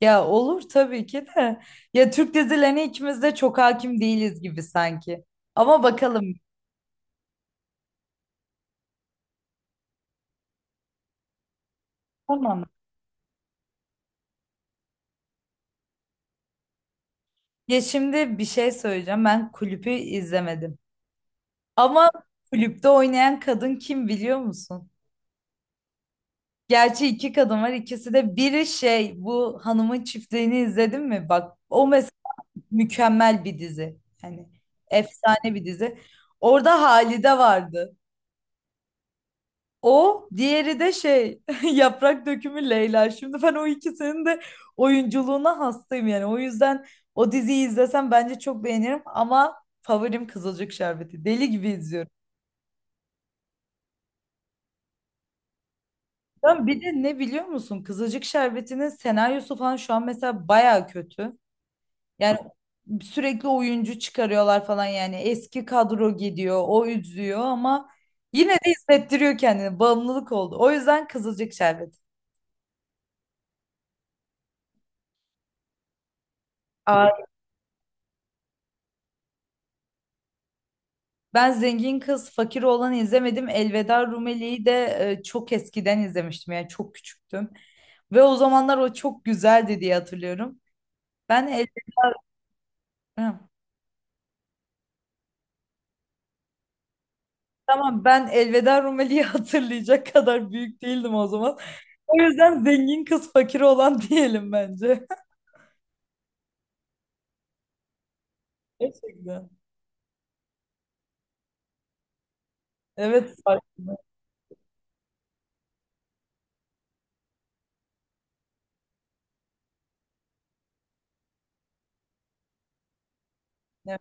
Ya olur tabii ki de. Ya Türk dizilerine ikimiz de çok hakim değiliz gibi sanki. Ama bakalım. Tamam. Ya şimdi bir şey söyleyeceğim. Ben kulüpü izlemedim. Ama kulüpte oynayan kadın kim biliyor musun? Gerçi iki kadın var. İkisi de biri şey bu hanımın çiftliğini izledin mi? Bak o mesela mükemmel bir dizi. Hani efsane bir dizi. Orada Halide vardı. O, diğeri de şey yaprak dökümü Leyla. Şimdi ben o ikisinin de oyunculuğuna hastayım yani. O yüzden o diziyi izlesem bence çok beğenirim ama favorim Kızılcık Şerbeti. Deli gibi izliyorum. Ben bir de ne biliyor musun? Kızılcık Şerbeti'nin senaryosu falan şu an mesela baya kötü. Yani sürekli oyuncu çıkarıyorlar falan yani. Eski kadro gidiyor, o üzüyor ama yine de hissettiriyor kendini. Bağımlılık oldu. O yüzden Kızılcık Şerbeti. Ben Zengin Kız Fakir Oğlan'ı izlemedim. Elveda Rumeli'yi de çok eskiden izlemiştim. Yani çok küçüktüm. Ve o zamanlar o çok güzeldi diye hatırlıyorum. Ben el... Hı. Tamam ben Elveda Rumeli'yi hatırlayacak kadar büyük değildim o zaman. O yüzden Zengin Kız Fakir Oğlan diyelim bence. Gerçekten. Evet farkında. Evet,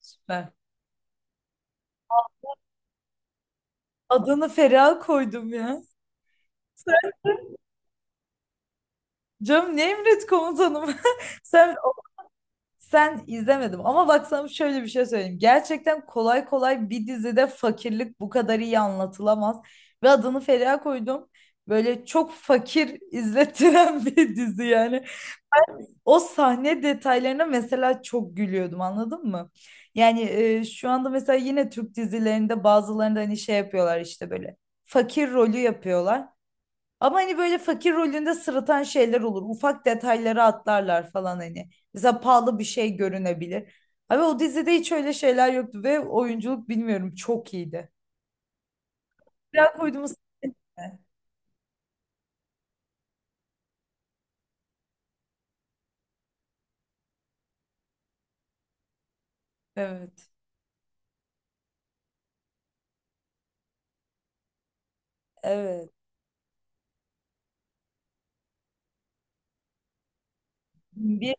süper. Adını Feriha koydum ya. Canım ne emret komutanım. Sen Sen izlemedim ama bak sana şöyle bir şey söyleyeyim. Gerçekten kolay kolay bir dizide fakirlik bu kadar iyi anlatılamaz. Ve adını Feriha koydum. Böyle çok fakir izlettiren bir dizi yani. O sahne detaylarına mesela çok gülüyordum anladın mı? Yani şu anda mesela yine Türk dizilerinde bazılarında hani şey yapıyorlar işte böyle fakir rolü yapıyorlar. Ama hani böyle fakir rolünde sırıtan şeyler olur. Ufak detayları atlarlar falan hani. Mesela pahalı bir şey görünebilir. Abi o dizide hiç öyle şeyler yoktu ve oyunculuk bilmiyorum çok iyiydi. Biraz koyduğumuz. Evet. Evet. Bir,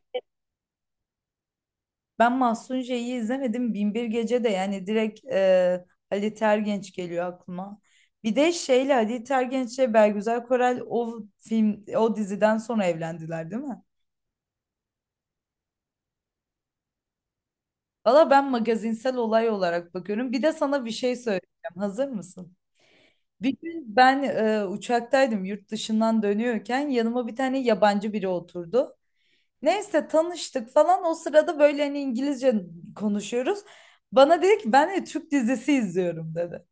ben Mahsun J'yi izlemedim. Binbir Gece de yani direkt Ali Tergenç geliyor aklıma. Bir de şeyle Ali Tergenç'le Belgüzel Korel o film o diziden sonra evlendiler değil mi? Valla ben magazinsel olay olarak bakıyorum. Bir de sana bir şey söyleyeceğim. Hazır mısın? Bir gün ben uçaktaydım yurt dışından dönüyorken yanıma bir tane yabancı biri oturdu. Neyse tanıştık falan o sırada böyle hani İngilizce konuşuyoruz. Bana dedi ki ben de Türk dizisi izliyorum dedi.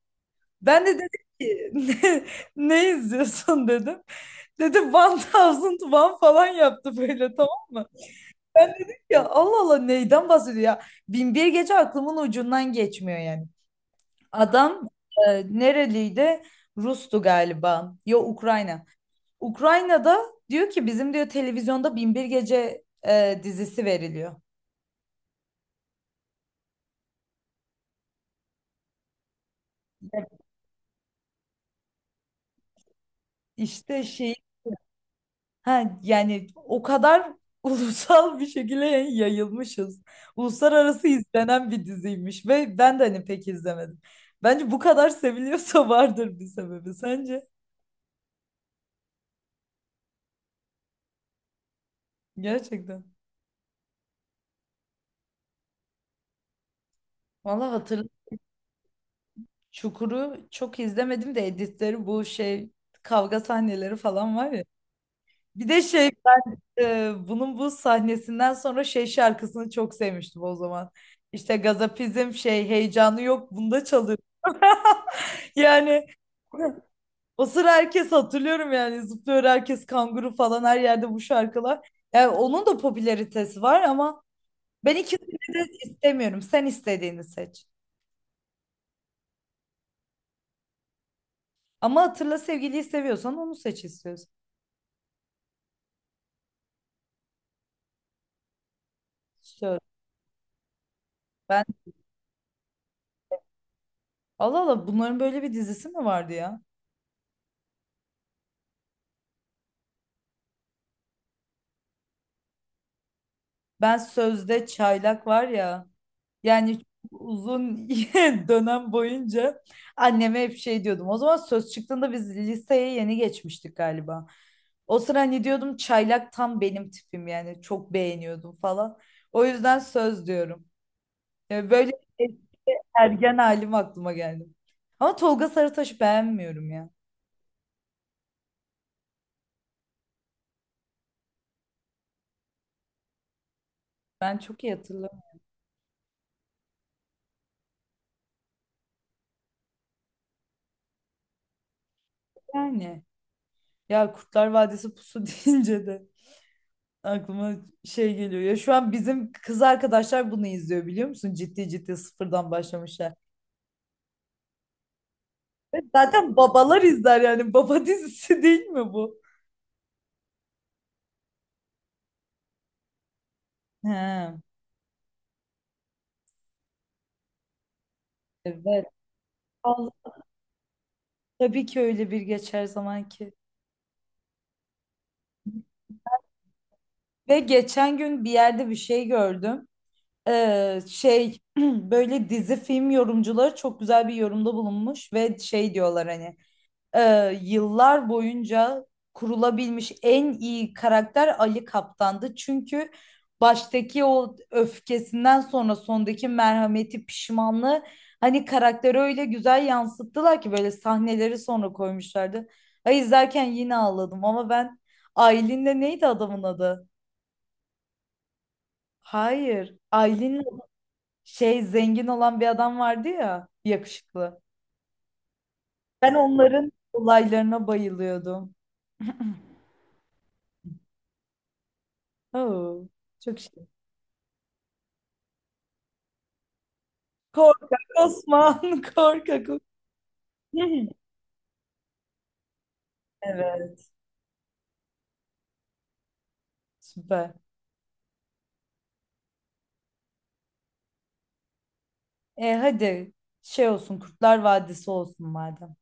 Ben de dedim ki ne izliyorsun dedim. Dedi 1001 falan yaptı böyle tamam mı? Ben dedim ya Allah Allah neyden bahsediyor ya? Bin bir gece aklımın ucundan geçmiyor yani. Adam nereliydi? Rus'tu galiba. Yo, Ukrayna. Ukrayna'da diyor ki bizim diyor televizyonda Bin bir Gece dizisi veriliyor. İşte şey ha, yani o kadar ulusal bir şekilde yayılmışız. Uluslararası izlenen bir diziymiş ve ben de hani pek izlemedim. Bence bu kadar seviliyorsa vardır bir sebebi sence? Gerçekten. Valla hatırlıyorum. Çukur'u çok izlemedim de editleri bu şey kavga sahneleri falan var ya. Bir de şey bunun bu sahnesinden sonra şey şarkısını çok sevmiştim o zaman. İşte gazapizm şey heyecanı yok bunda çalıyor. Yani o sıra herkes hatırlıyorum yani zıplıyor herkes kanguru falan her yerde bu şarkılar. Yani onun da popülaritesi var ama ben ikisini de istemiyorum. Sen istediğini seç. Ama hatırla sevgiliyi seviyorsan onu seç istiyorsan. Söz. Ben Allah Allah bunların böyle bir dizisi mi vardı ya? Ben Sözde Çaylak var ya. Yani çok uzun dönem boyunca anneme hep şey diyordum. O zaman söz çıktığında biz liseye yeni geçmiştik galiba. O sıra hani diyordum çaylak tam benim tipim yani çok beğeniyordum falan. O yüzden söz diyorum. Yani böyle ergen halim aklıma geldi. Ama Tolga Sarıtaş'ı beğenmiyorum ya. Ben çok iyi hatırlamıyorum. Yani. Ya Kurtlar Vadisi pusu deyince de aklıma şey geliyor. Ya şu an bizim kız arkadaşlar bunu izliyor biliyor musun? Ciddi ciddi sıfırdan başlamışlar. Ve zaten babalar izler yani. Baba dizisi değil mi bu? He, evet. Al- tabii ki öyle bir geçer zaman ki. Ve geçen gün bir yerde bir şey gördüm. Şey böyle dizi film yorumcuları çok güzel bir yorumda bulunmuş ve şey diyorlar hani. Yıllar boyunca kurulabilmiş en iyi karakter Ali Kaptan'dı. Çünkü baştaki o öfkesinden sonra sondaki merhameti, pişmanlığı hani karakteri öyle güzel yansıttılar ki böyle sahneleri sonra koymuşlardı. Ay izlerken yine ağladım ama ben Aylin'le neydi adamın adı? Hayır. Aylin'le şey zengin olan bir adam vardı ya yakışıklı. Ben onların olaylarına bayılıyordum. Oo, çok şey. Korkak Osman, korkak. Osman. Evet, süper. Hadi şey olsun, Kurtlar Vadisi olsun madem.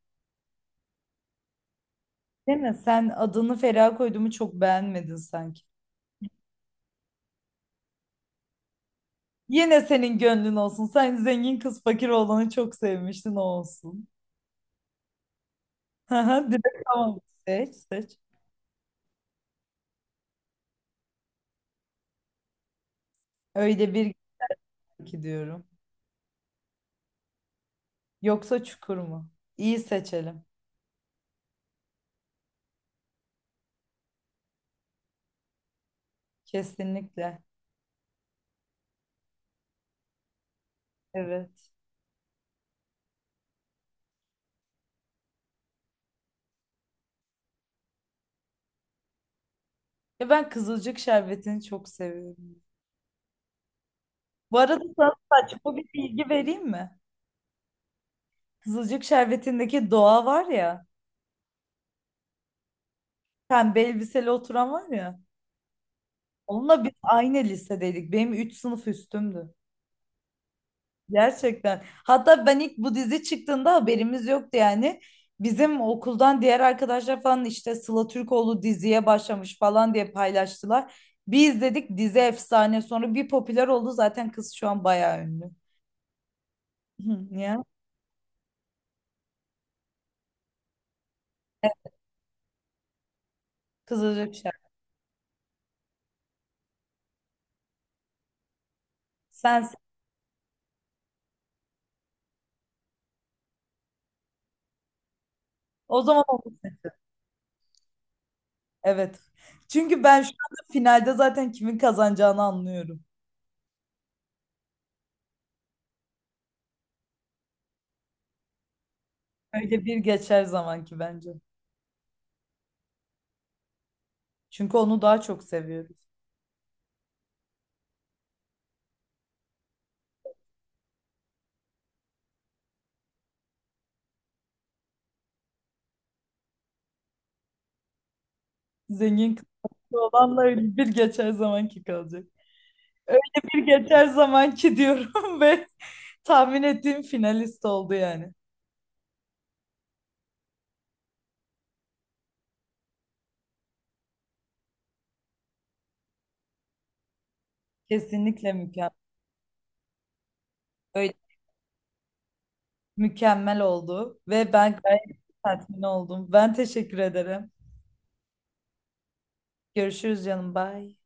Değil mi? Sen adını Feriha koyduğumu çok beğenmedin sanki. Yine senin gönlün olsun. Sen zengin kız fakir olanı çok sevmiştin o olsun. Haha, direkt tamam. Seç, seç. Öyle bir ki diyorum. Yoksa Çukur mu? İyi seçelim. Kesinlikle. Evet. Ya ben Kızılcık Şerbeti'ni çok seviyorum. Bu arada sana saçma bir bilgi vereyim mi? Kızılcık Şerbeti'ndeki Doğa var ya, pembe elbiseli oturan var ya. Onunla biz aynı lisedeydik. Benim 3 sınıf üstümdü. Gerçekten. Hatta ben ilk bu dizi çıktığında haberimiz yoktu yani. Bizim okuldan diğer arkadaşlar falan işte Sıla Türkoğlu diziye başlamış falan diye paylaştılar. Bir izledik dizi efsane. Sonra bir popüler oldu zaten kız şu an bayağı ünlü. Ya. Evet, Kızılcık Şerbeti. Sensin. O zaman evet. Çünkü ben şu anda finalde zaten kimin kazanacağını anlıyorum. Öyle bir geçer zamanki bence. Çünkü onu daha çok seviyoruz. Zengin kızı olanla öyle bir geçer zamanki kalacak. Öyle bir geçer zamanki diyorum ve tahmin ettiğim finalist oldu yani. Kesinlikle mükemmel. Öyle mükemmel oldu ve ben gayet tatmin oldum. Ben teşekkür ederim. Görüşürüz canım. Bye.